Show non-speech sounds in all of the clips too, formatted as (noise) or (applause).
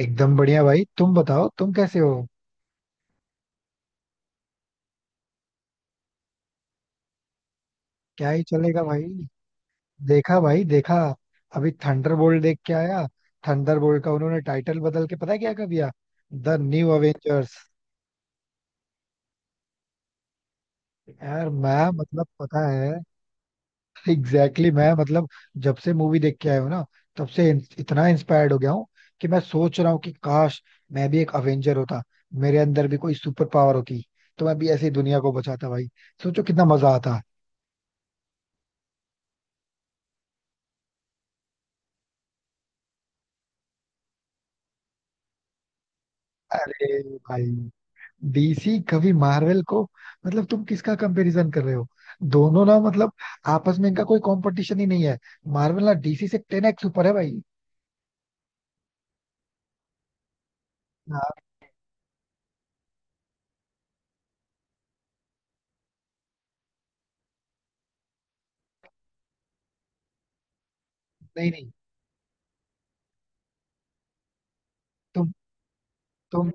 एकदम बढ़िया भाई। तुम बताओ तुम कैसे हो? क्या ही चलेगा भाई। देखा भाई देखा। अभी थंडरबोल्ट देख के आया। थंडरबोल्ट का उन्होंने टाइटल बदल के पता है क्या कर दिया? The new Avengers. यार मैं मतलब पता है। मैं मतलब जब से मूवी देख के आया हूँ ना, तब से इतना इंस्पायर्ड हो गया हूँ कि मैं सोच रहा हूँ कि काश मैं भी एक अवेंजर होता। मेरे अंदर भी कोई सुपर पावर होती तो मैं भी ऐसी दुनिया को बचाता भाई। सोचो कितना मजा आता। अरे भाई, डीसी कभी मार्वल को, मतलब तुम किसका कंपैरिजन कर रहे हो? दोनों ना मतलब आपस में इनका कोई कंपटीशन ही नहीं है। मार्वल ना डीसी से 10X ऊपर है भाई। हाँ। नहीं नहीं। तुम तुम।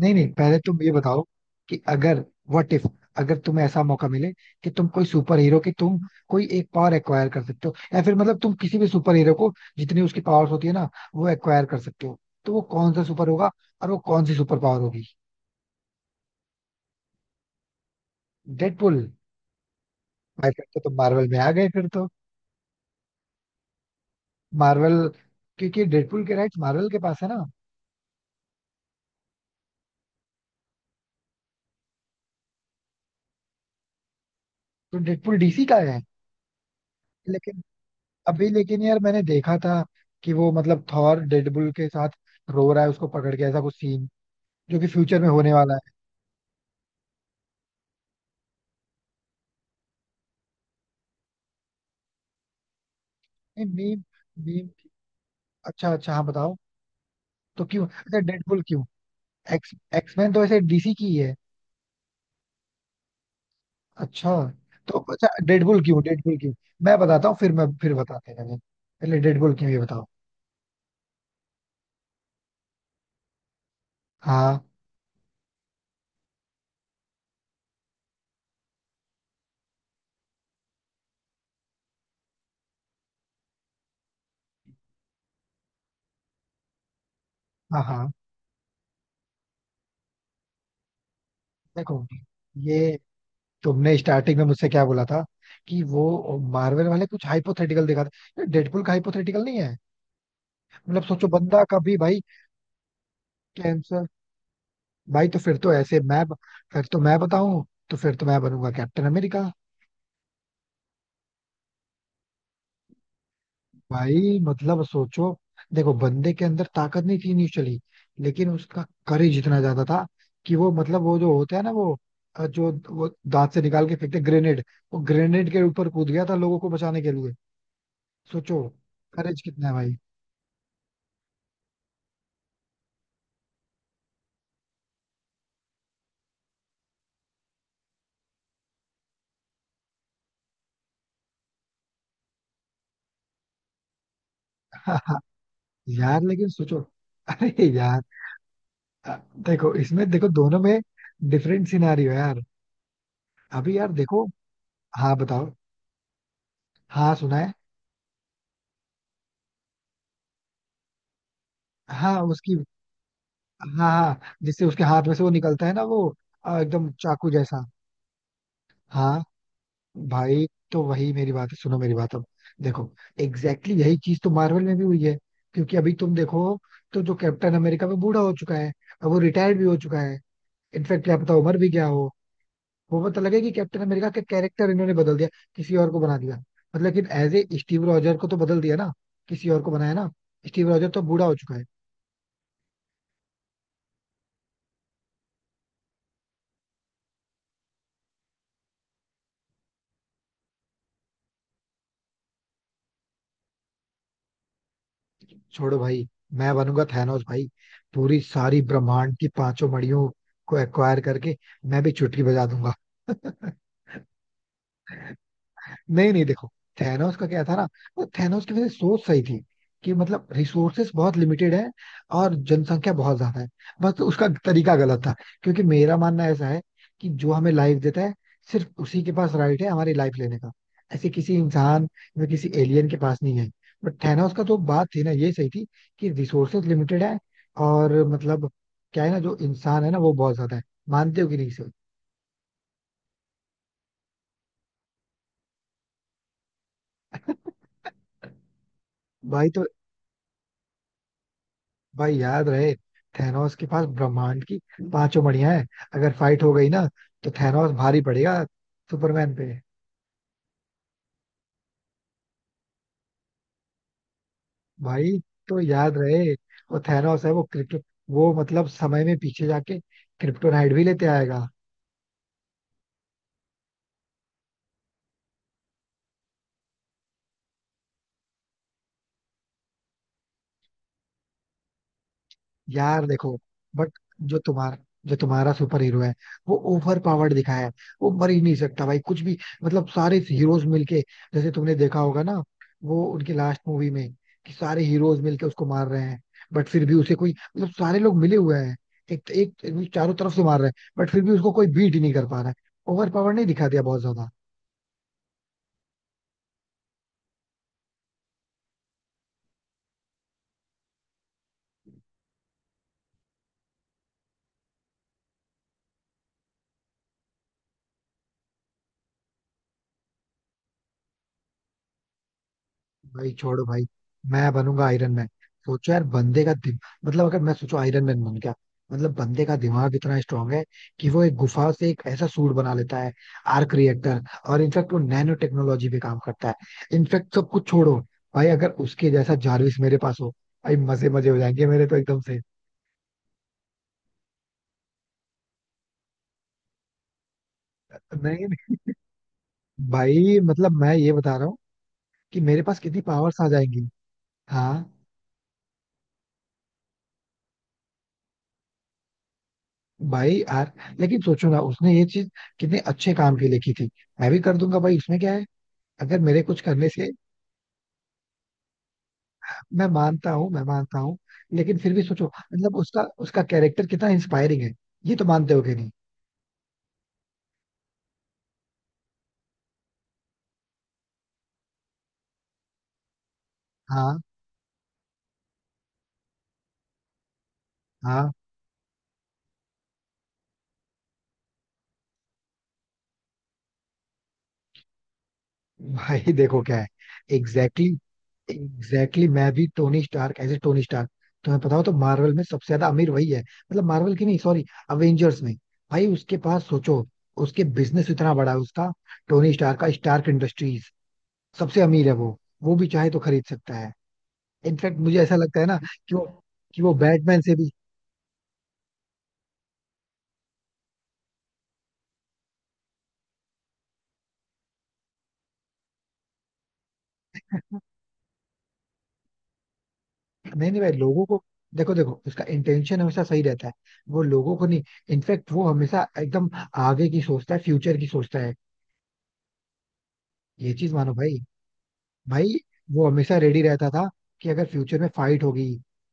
नहीं नहीं, पहले तुम ये बताओ कि अगर, व्हाट इफ, अगर तुम्हें ऐसा मौका मिले कि तुम कोई सुपर हीरो की, तुम कोई एक पावर एक्वायर कर सकते हो, या फिर मतलब तुम किसी भी सुपर हीरो को जितनी उसकी पावर्स होती है ना, वो एक्वायर कर सकते हो, तो वो कौन सा सुपर होगा और वो कौन सी सुपर पावर होगी? डेडपुल। भाई फिर तो तुम मार्वल में आ गए फिर तो। मार्वल, क्योंकि डेडपुल के राइट्स मार्वल के पास है ना। तो डेडपुल डीसी का है? लेकिन, अभी लेकिन यार मैंने देखा था कि वो मतलब थॉर डेडपुल के साथ रो रहा है, उसको पकड़ के, ऐसा कुछ सीन जो कि फ्यूचर में होने वाला है। मीम। मीम। अच्छा अच्छा, हाँ बताओ। तो क्यों, अच्छा डेडपुल क्यों? एक्स, एक्समैन तो ऐसे डीसी की ही है। अच्छा। तो अच्छा डेडपुल क्यों? डेडपुल क्यों? मैं बताता हूँ, फिर मैं फिर बताते हैं, पहले डेडपुल क्यों ये बताओ। हाँ हाँ। हाँ देखो ये, तुमने स्टार्टिंग में मुझसे क्या बोला था कि वो मार्वल वाले कुछ हाइपोथेटिकल दिखाते? डेडपुल का हाइपोथेटिकल नहीं है। मतलब सोचो बंदा कभी, भाई कैंसर। भाई तो फिर तो ऐसे मैं फिर तो मैं बताऊं, तो फिर तो मैं बनूंगा कैप्टन अमेरिका। भाई मतलब सोचो, देखो बंदे के अंदर ताकत नहीं थी इनिशियली, लेकिन उसका करेज इतना ज्यादा था कि वो, मतलब वो जो होता है ना वो, जो वो दांत से निकाल के फेंकते ग्रेनेड, वो ग्रेनेड के ऊपर कूद गया था लोगों को बचाने के लिए। सोचो करेज कितना है भाई। (laughs) यार लेकिन सोचो, अरे यार, अ, देखो इसमें, देखो दोनों में डिफरेंट सिनारियो यार। अभी यार देखो। हाँ बताओ। हाँ सुना है। हाँ उसकी, हाँ हाँ, जिससे उसके हाथ में से वो निकलता है ना वो, एकदम चाकू जैसा। हाँ। भाई तो वही मेरी बात है, सुनो मेरी बात अब। देखो, एग्जैक्टली exactly यही चीज तो मार्वल में भी हुई है, क्योंकि अभी तुम देखो तो जो कैप्टन अमेरिका में बूढ़ा हो चुका है और वो रिटायर्ड भी हो चुका है। इनफैक्ट क्या पता उम्र भी क्या हो, वो पता लगे कि कैप्टन अमेरिका के कैरेक्टर इन्होंने बदल दिया, किसी और को बना दिया, मतलब लेकिन एज ए स्टीव रॉजर को तो बदल दिया ना, किसी और को बनाया ना। स्टीव रॉजर तो बूढ़ा हो चुका है। छोड़ो भाई, मैं बनूंगा थैनोस भाई, पूरी सारी ब्रह्मांड की पांचों मड़ियों को एक्वायर करके मैं भी चुटकी बजा दूंगा। नहीं नहीं, देखो थैनोस का क्या था ना, वो थैनोस की वैसे सोच सही थी कि मतलब रिसोर्सेस बहुत लिमिटेड है और जनसंख्या बहुत ज्यादा है, बस उसका तरीका गलत था। क्योंकि मेरा मानना ऐसा है कि जो हमें लाइफ देता है सिर्फ उसी के पास राइट है हमारी लाइफ लेने का, ऐसे किसी इंसान या किसी एलियन के पास नहीं है। बट थैनोस का जो बात थी ना ये सही थी कि रिसोर्सेस लिमिटेड है और मतलब, क्या है ना, जो इंसान है ना वो बहुत ज्यादा है। मानते हो कि नहीं सर? भाई तो, भाई याद रहे थैनोस के पास ब्रह्मांड की पांचों मणियां हैं। अगर फाइट हो गई ना तो थैनोस भारी पड़ेगा सुपरमैन पे। भाई तो याद रहे, वो थैनोस है, वो मतलब समय में पीछे जाके क्रिप्टोनाइट भी लेते आएगा। यार देखो, बट जो तुम्हारा जो तुम्हारा सुपर हीरो है वो ओवर पावर्ड दिखाया है, वो मर ही नहीं सकता भाई कुछ भी। मतलब सारे हीरोज मिलके, जैसे तुमने देखा होगा ना वो उनकी लास्ट मूवी में, कि सारे हीरोज मिलके उसको मार रहे हैं, बट फिर भी उसे कोई, मतलब सारे लोग मिले हुए हैं, एक एक, एक चारों तरफ से मार रहे हैं बट फिर भी उसको कोई बीट ही नहीं कर पा रहा है। ओवर पावर नहीं दिखा दिया बहुत ज्यादा? भाई छोड़ो भाई, मैं बनूंगा आयरन मैन। सोचो यार बंदे का मतलब अगर मैं, सोचो आयरन मैन बन गया, मतलब बंदे का दिमाग इतना स्ट्रांग है कि वो एक गुफा से एक ऐसा सूट बना लेता है, आर्क रिएक्टर, और इनफेक्ट वो नैनो टेक्नोलॉजी पे काम करता है। इनफेक्ट सब कुछ छोड़ो, भाई अगर उसके जैसा जारविस मेरे पास हो, भाई मजे मजे हो जाएंगे मेरे तो एकदम से। नहीं नहीं, भाई मतलब मैं ये बता रहा हूँ कि मेरे पास कितनी पावर्स आ जाएंगी। हाँ। भाई यार लेकिन सोचो ना उसने ये चीज कितने अच्छे काम के लिए की थी, मैं भी कर दूंगा भाई इसमें क्या है, अगर मेरे कुछ करने से। मैं मानता हूँ मैं मानता हूँ, लेकिन फिर भी सोचो, मतलब उसका उसका कैरेक्टर कितना इंस्पायरिंग है, ये तो मानते हो कि नहीं? हाँ हाँ। भाई देखो क्या है, एग्जैक्टली exactly, एग्जैक्टली exactly मैं भी Tony Stark, as a Tony Stark, तुम्हें पता हो तो मार्वल में सबसे ज्यादा अमीर वही है, मतलब मार्वल की नहीं सॉरी, अवेंजर्स में। भाई उसके पास सोचो उसके बिजनेस इतना बड़ा है, उसका टोनी स्टार का स्टार्क इंडस्ट्रीज, सबसे अमीर है वो। वो भी चाहे तो खरीद सकता है। इनफैक्ट मुझे ऐसा लगता है ना कि वो कि वो बैटमैन से भी। नहीं नहीं भाई लोगों को, देखो देखो उसका इंटेंशन हमेशा सही रहता है, वो लोगों को नहीं, इनफैक्ट वो हमेशा एकदम आगे की सोचता है, फ्यूचर की सोचता है, ये चीज मानो भाई। भाई वो हमेशा रेडी रहता था कि अगर फ्यूचर में फाइट होगी,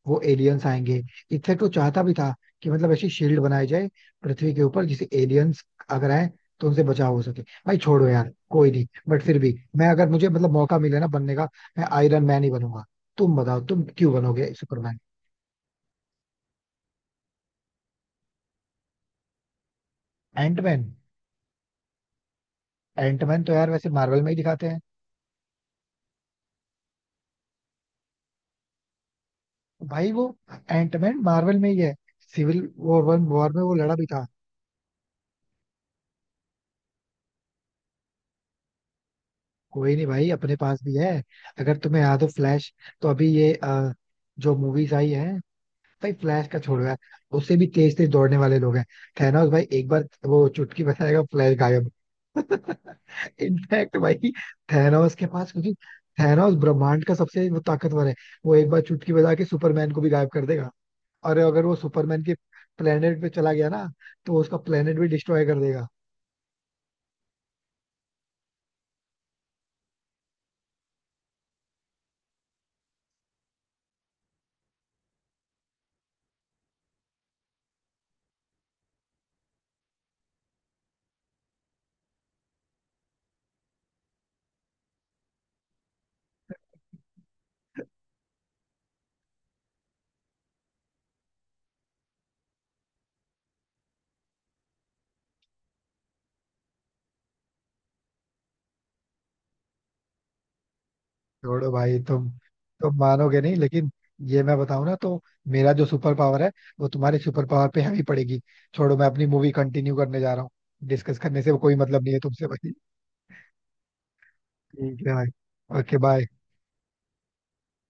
वो एलियंस आएंगे, इनफैक्ट वो चाहता भी था कि मतलब ऐसी शील्ड बनाई जाए पृथ्वी के ऊपर, जिसे एलियंस अगर आए तो उनसे बचाव हो सके। भाई छोड़ो यार कोई नहीं, बट फिर भी मैं, अगर मुझे मतलब मौका मिले ना बनने का, मैं आयरन मैन ही बनूंगा। तुम बताओ तुम क्यों बनोगे सुपरमैन? एंटमैन। एंटमैन तो यार वैसे मार्वल में ही दिखाते हैं। भाई वो एंटमैन मार्वल में ही है, सिविल वॉर वॉर में वो लड़ा भी था। कोई नहीं भाई अपने पास भी है। अगर तुम्हें याद हो फ्लैश, तो अभी जो मूवीज आई है, भाई फ्लैश का छोड़ो यार, उससे भी तेज तेज दौड़ने वाले लोग हैं। थैनोस भाई एक बार वो चुटकी बजाएगा, फ्लैश गायब। (laughs) इनफैक्ट भाई थैनोस के पास क्योंकि, थैनोस ब्रह्मांड का सबसे वो ताकतवर है, वो एक बार चुटकी बजा के सुपरमैन को भी गायब कर देगा, और अगर वो सुपरमैन के प्लेनेट पे चला गया ना तो उसका प्लेनेट भी डिस्ट्रॉय कर देगा। छोड़ो भाई तुम मानोगे नहीं लेकिन, ये मैं बताऊं ना तो मेरा जो सुपर पावर है वो तुम्हारे सुपर पावर पे हैवी पड़ेगी। छोड़ो, मैं अपनी मूवी कंटिन्यू करने जा रहा हूँ, डिस्कस करने से कोई मतलब नहीं है तुमसे भाई। ठीक है भाई, ओके बाय।